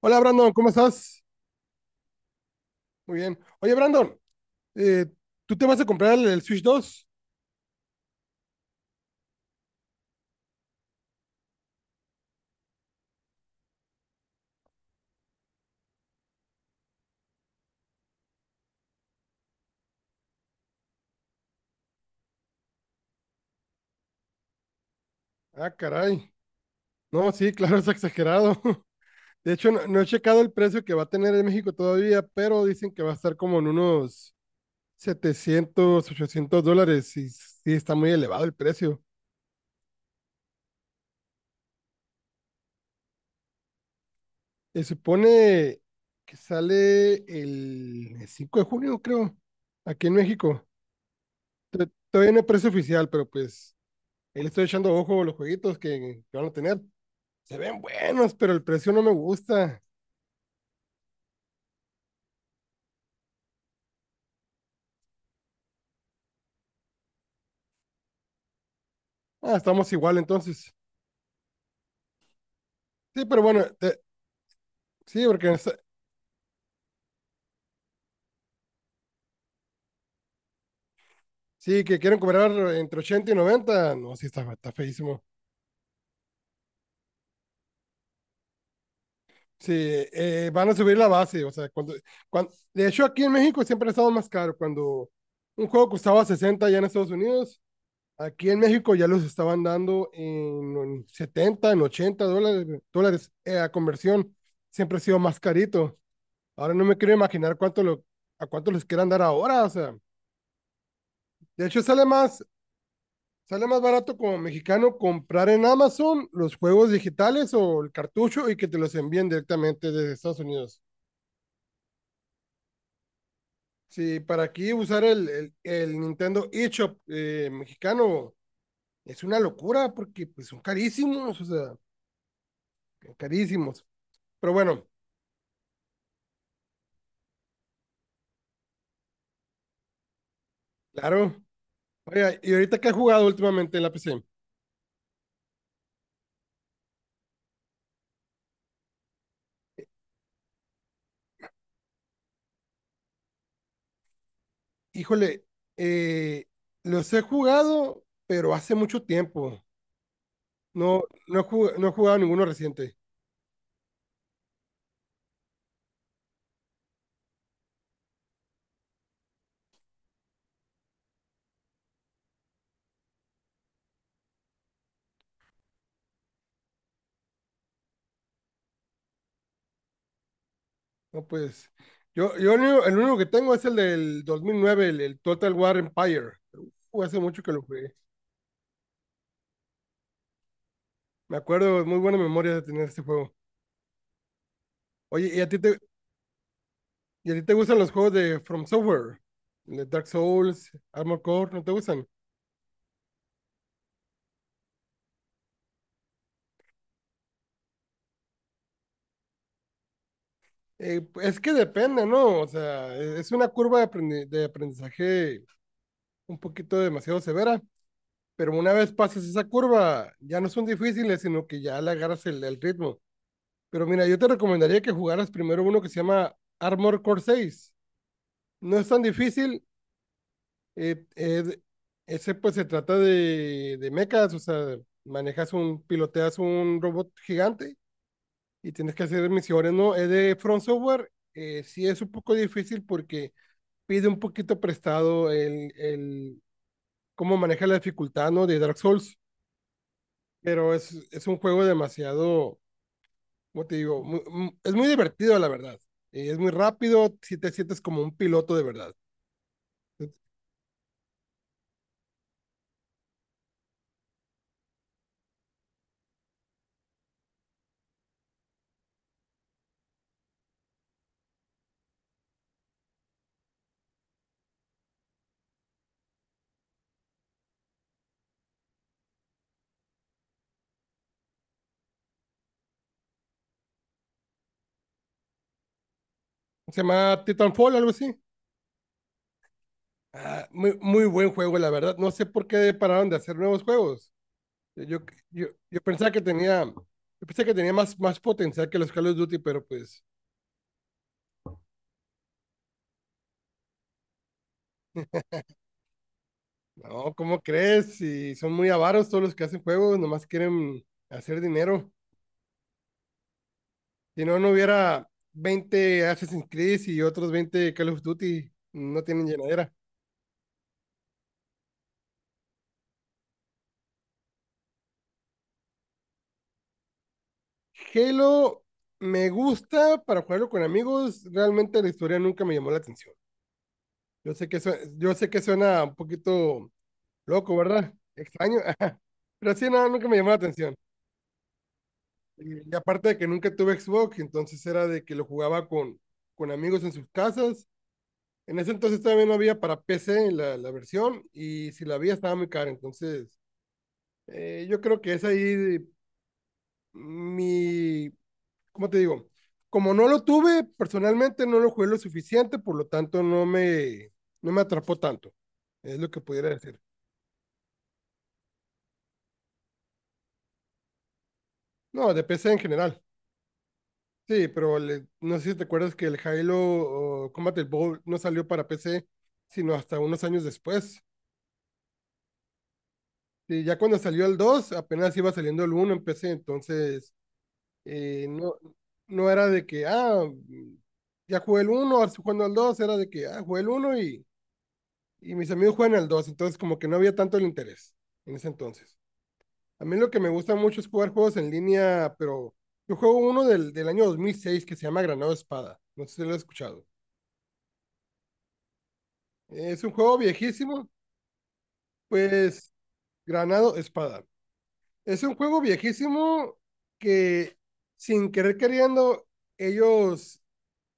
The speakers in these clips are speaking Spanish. Hola Brandon, ¿cómo estás? Muy bien. Oye Brandon, eh, ¿tú te vas a comprar el Switch dos? Ah, caray. No, sí, claro, es exagerado. De hecho, no he checado el precio que va a tener en México todavía, pero dicen que va a estar como en unos $700, $800, y sí está muy elevado el precio. Se supone que sale el 5 de junio, creo, aquí en México. Todavía no hay precio oficial, pero pues ahí le estoy echando ojo a los jueguitos que van a tener. Se ven buenos, pero el precio no me gusta. Ah, estamos igual entonces. Sí, pero bueno, sí, porque sí, que quieren cobrar entre 80 y 90. No, sí, está feísimo. Sí, van a subir la base. O sea, cuando, de hecho, aquí en México siempre ha estado más caro. Cuando un juego costaba 60 ya en Estados Unidos, aquí en México ya los estaban dando en 70 en 80 dólares, dólares a conversión. Siempre ha sido más carito. Ahora no me quiero imaginar a cuánto les quieran dar ahora. O sea, de hecho, sale más barato como mexicano comprar en Amazon los juegos digitales o el cartucho y que te los envíen directamente desde Estados Unidos. Sí, para aquí usar el Nintendo eShop mexicano es una locura porque pues, son carísimos, o sea, carísimos. Pero bueno, claro. Oiga, ¿y ahorita qué he jugado últimamente en la PC? Híjole, eh, los he jugado, pero hace mucho tiempo. No, no he jugado ninguno reciente. No, pues, yo el único que tengo es el del 2009, el Total War Empire. Hace mucho que lo jugué. Me acuerdo, muy buena memoria de tener este juego. Oye, ¿y a ti te gustan los juegos de From Software, de Dark Souls, Armored Core? ¿No te gustan? Es que depende, ¿no? O sea, es una curva de, de aprendizaje un poquito demasiado severa, pero una vez pasas esa curva, ya no son difíciles, sino que ya le agarras el ritmo. Pero mira, yo te recomendaría que jugaras primero uno que se llama Armor Core 6. No es tan difícil. eh, eh, ese pues se trata de mechas. O sea, piloteas un robot gigante y tienes que hacer misiones, ¿no? Es de Front Software. Sí es un poco difícil porque pide un poquito prestado el cómo maneja la dificultad, ¿no? De Dark Souls. Pero es un juego demasiado, como te digo, es muy divertido, la verdad. Y es muy rápido, si te sientes como un piloto de verdad. Se llama Titanfall, algo así. Ah, muy, muy buen juego, la verdad. No sé por qué pararon de hacer nuevos juegos. Yo, yo pensaba que tenía, yo pensé que tenía más, más potencial que los Call of Duty, pero pues no, ¿cómo crees? Si son muy avaros todos los que hacen juegos, nomás quieren hacer dinero. Si no, no hubiera 20 Assassin's Creed y otros 20 Call of Duty. No tienen llenadera. Halo me gusta para jugarlo con amigos. Realmente la historia nunca me llamó la atención. Yo sé que, su- yo sé que suena un poquito loco, ¿verdad? Extraño. Ajá. Pero sí, no, nunca me llamó la atención. Y aparte de que nunca tuve Xbox, entonces era de que lo jugaba con amigos en sus casas. En ese entonces todavía no había para PC la versión, y si la había estaba muy cara. Entonces, yo creo que es ahí mi, ¿cómo te digo? Como no lo tuve, personalmente no lo jugué lo suficiente, por lo tanto no me atrapó tanto. Es lo que pudiera decir. No, de PC en general. Sí, pero no sé si te acuerdas que el Halo o Combat Evolved no salió para PC, sino hasta unos años después. Sí, ya cuando salió el 2 apenas iba saliendo el uno en PC, entonces Eh, no, no era de que, ah, ya jugué el uno, ahora estoy jugando al 2, era de que, ah, jugué el uno y mis amigos juegan al dos, entonces como que no había tanto el interés en ese entonces. A mí lo que me gusta mucho es jugar juegos en línea, pero yo juego uno del año 2006 que se llama Granado Espada, no sé si lo has escuchado. Es un juego viejísimo, pues, Granado Espada. Es un juego viejísimo que sin querer queriendo ellos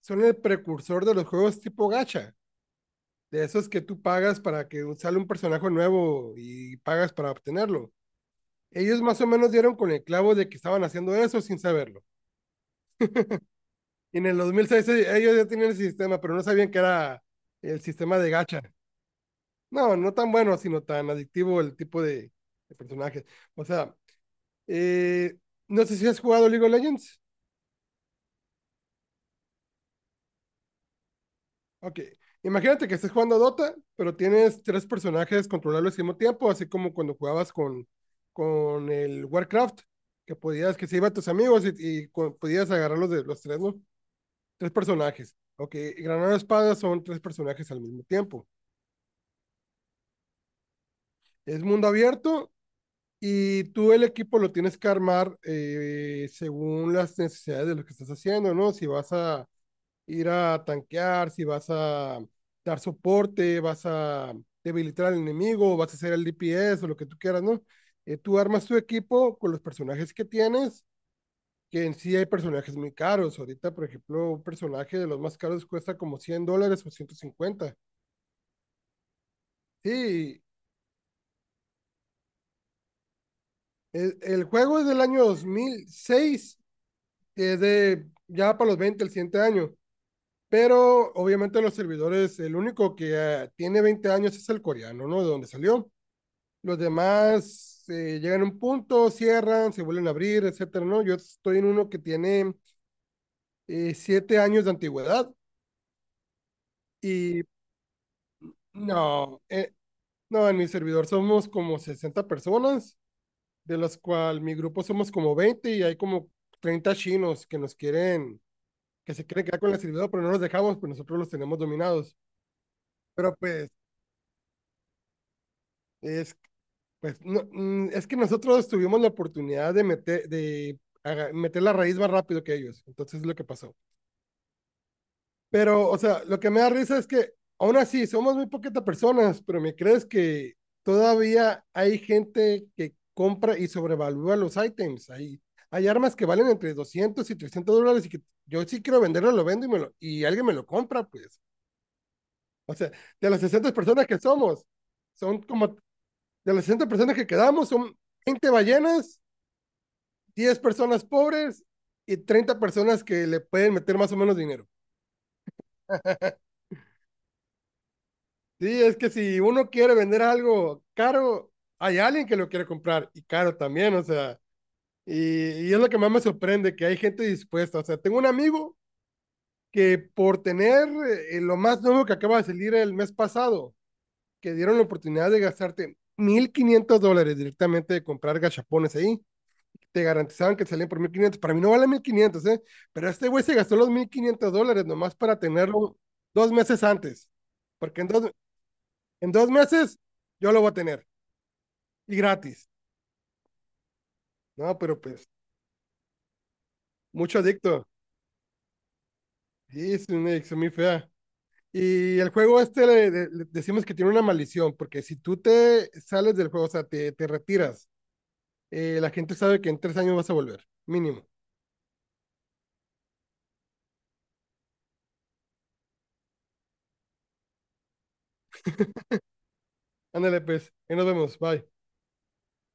son el precursor de los juegos tipo gacha, de esos que tú pagas para que sale un personaje nuevo y pagas para obtenerlo. Ellos más o menos dieron con el clavo de que estaban haciendo eso sin saberlo. Y en el 2006 ellos ya tenían el sistema, pero no sabían que era el sistema de gacha. No, no tan bueno, sino tan adictivo el tipo de personajes. O sea, eh, no sé si has jugado League of Legends. Ok. Imagínate que estés jugando Dota, pero tienes tres personajes controlables al mismo tiempo, así como cuando jugabas con el Warcraft, que podías, que se iban tus amigos y, podías agarrarlos de los tres, ¿no? Tres personajes. Ok, Granada Espada son tres personajes al mismo tiempo. Es mundo abierto, y tú el equipo lo tienes que armar según las necesidades de lo que estás haciendo, ¿no? Si vas a, ir a tanquear, si vas a dar soporte, vas a debilitar al enemigo, vas a hacer el DPS o lo que tú quieras, ¿no? Tú armas tu equipo con los personajes que tienes, que en sí hay personajes muy caros. Ahorita, por ejemplo, un personaje de los más caros cuesta como $100 o 150. Sí, el juego es del año 2006, es de ya para los 20 el siguiente año. Pero obviamente los servidores, el único que tiene 20 años es el coreano, ¿no? De donde salió. Los demás llegan a un punto, cierran, se vuelven a abrir, etcétera, ¿no? Yo estoy en uno que tiene 7 años de antigüedad y no, eh, no, en mi servidor somos como 60 personas, de las cuales mi grupo somos como 20, y hay como 30 chinos que nos quieren, que se quieren quedar con el servidor, pero no los dejamos, pues nosotros los tenemos dominados. Pero pues, es, pues, no, es que nosotros tuvimos la oportunidad de meter, meter la raíz más rápido que ellos, entonces es lo que pasó. Pero, o sea, lo que me da risa es que aún así somos muy poquitas personas, pero me crees que todavía hay gente que compra y sobrevalúa los ítems. Hay armas que valen entre $200 y $300, y que yo sí quiero venderlo, lo vendo y, y alguien me lo compra, pues. O sea, de las 60 personas que somos, son como, de las 60 personas que quedamos, son 20 ballenas, 10 personas pobres y 30 personas que le pueden meter más o menos dinero. Sí, es que si uno quiere vender algo caro, hay alguien que lo quiere comprar y caro también, o sea, y es lo que más me sorprende, que hay gente dispuesta. O sea, tengo un amigo que por tener lo más nuevo que acaba de salir el mes pasado, que dieron la oportunidad de gastarte $1,500 directamente de comprar gachapones ahí, te garantizaban que salían por 1,500, para mí no vale 1,500, ¿eh? Pero este güey se gastó los $1,500 nomás para tenerlo 2 meses antes, porque en 2 meses yo lo voy a tener. Y gratis. No, pero pues, mucho adicto. Sí, es una adicción muy fea. Y el juego este le decimos que tiene una maldición, porque si tú te sales del juego, o sea, te retiras, la gente sabe que en 3 años vas a volver, mínimo. Ándale, pues, ahí nos vemos, bye.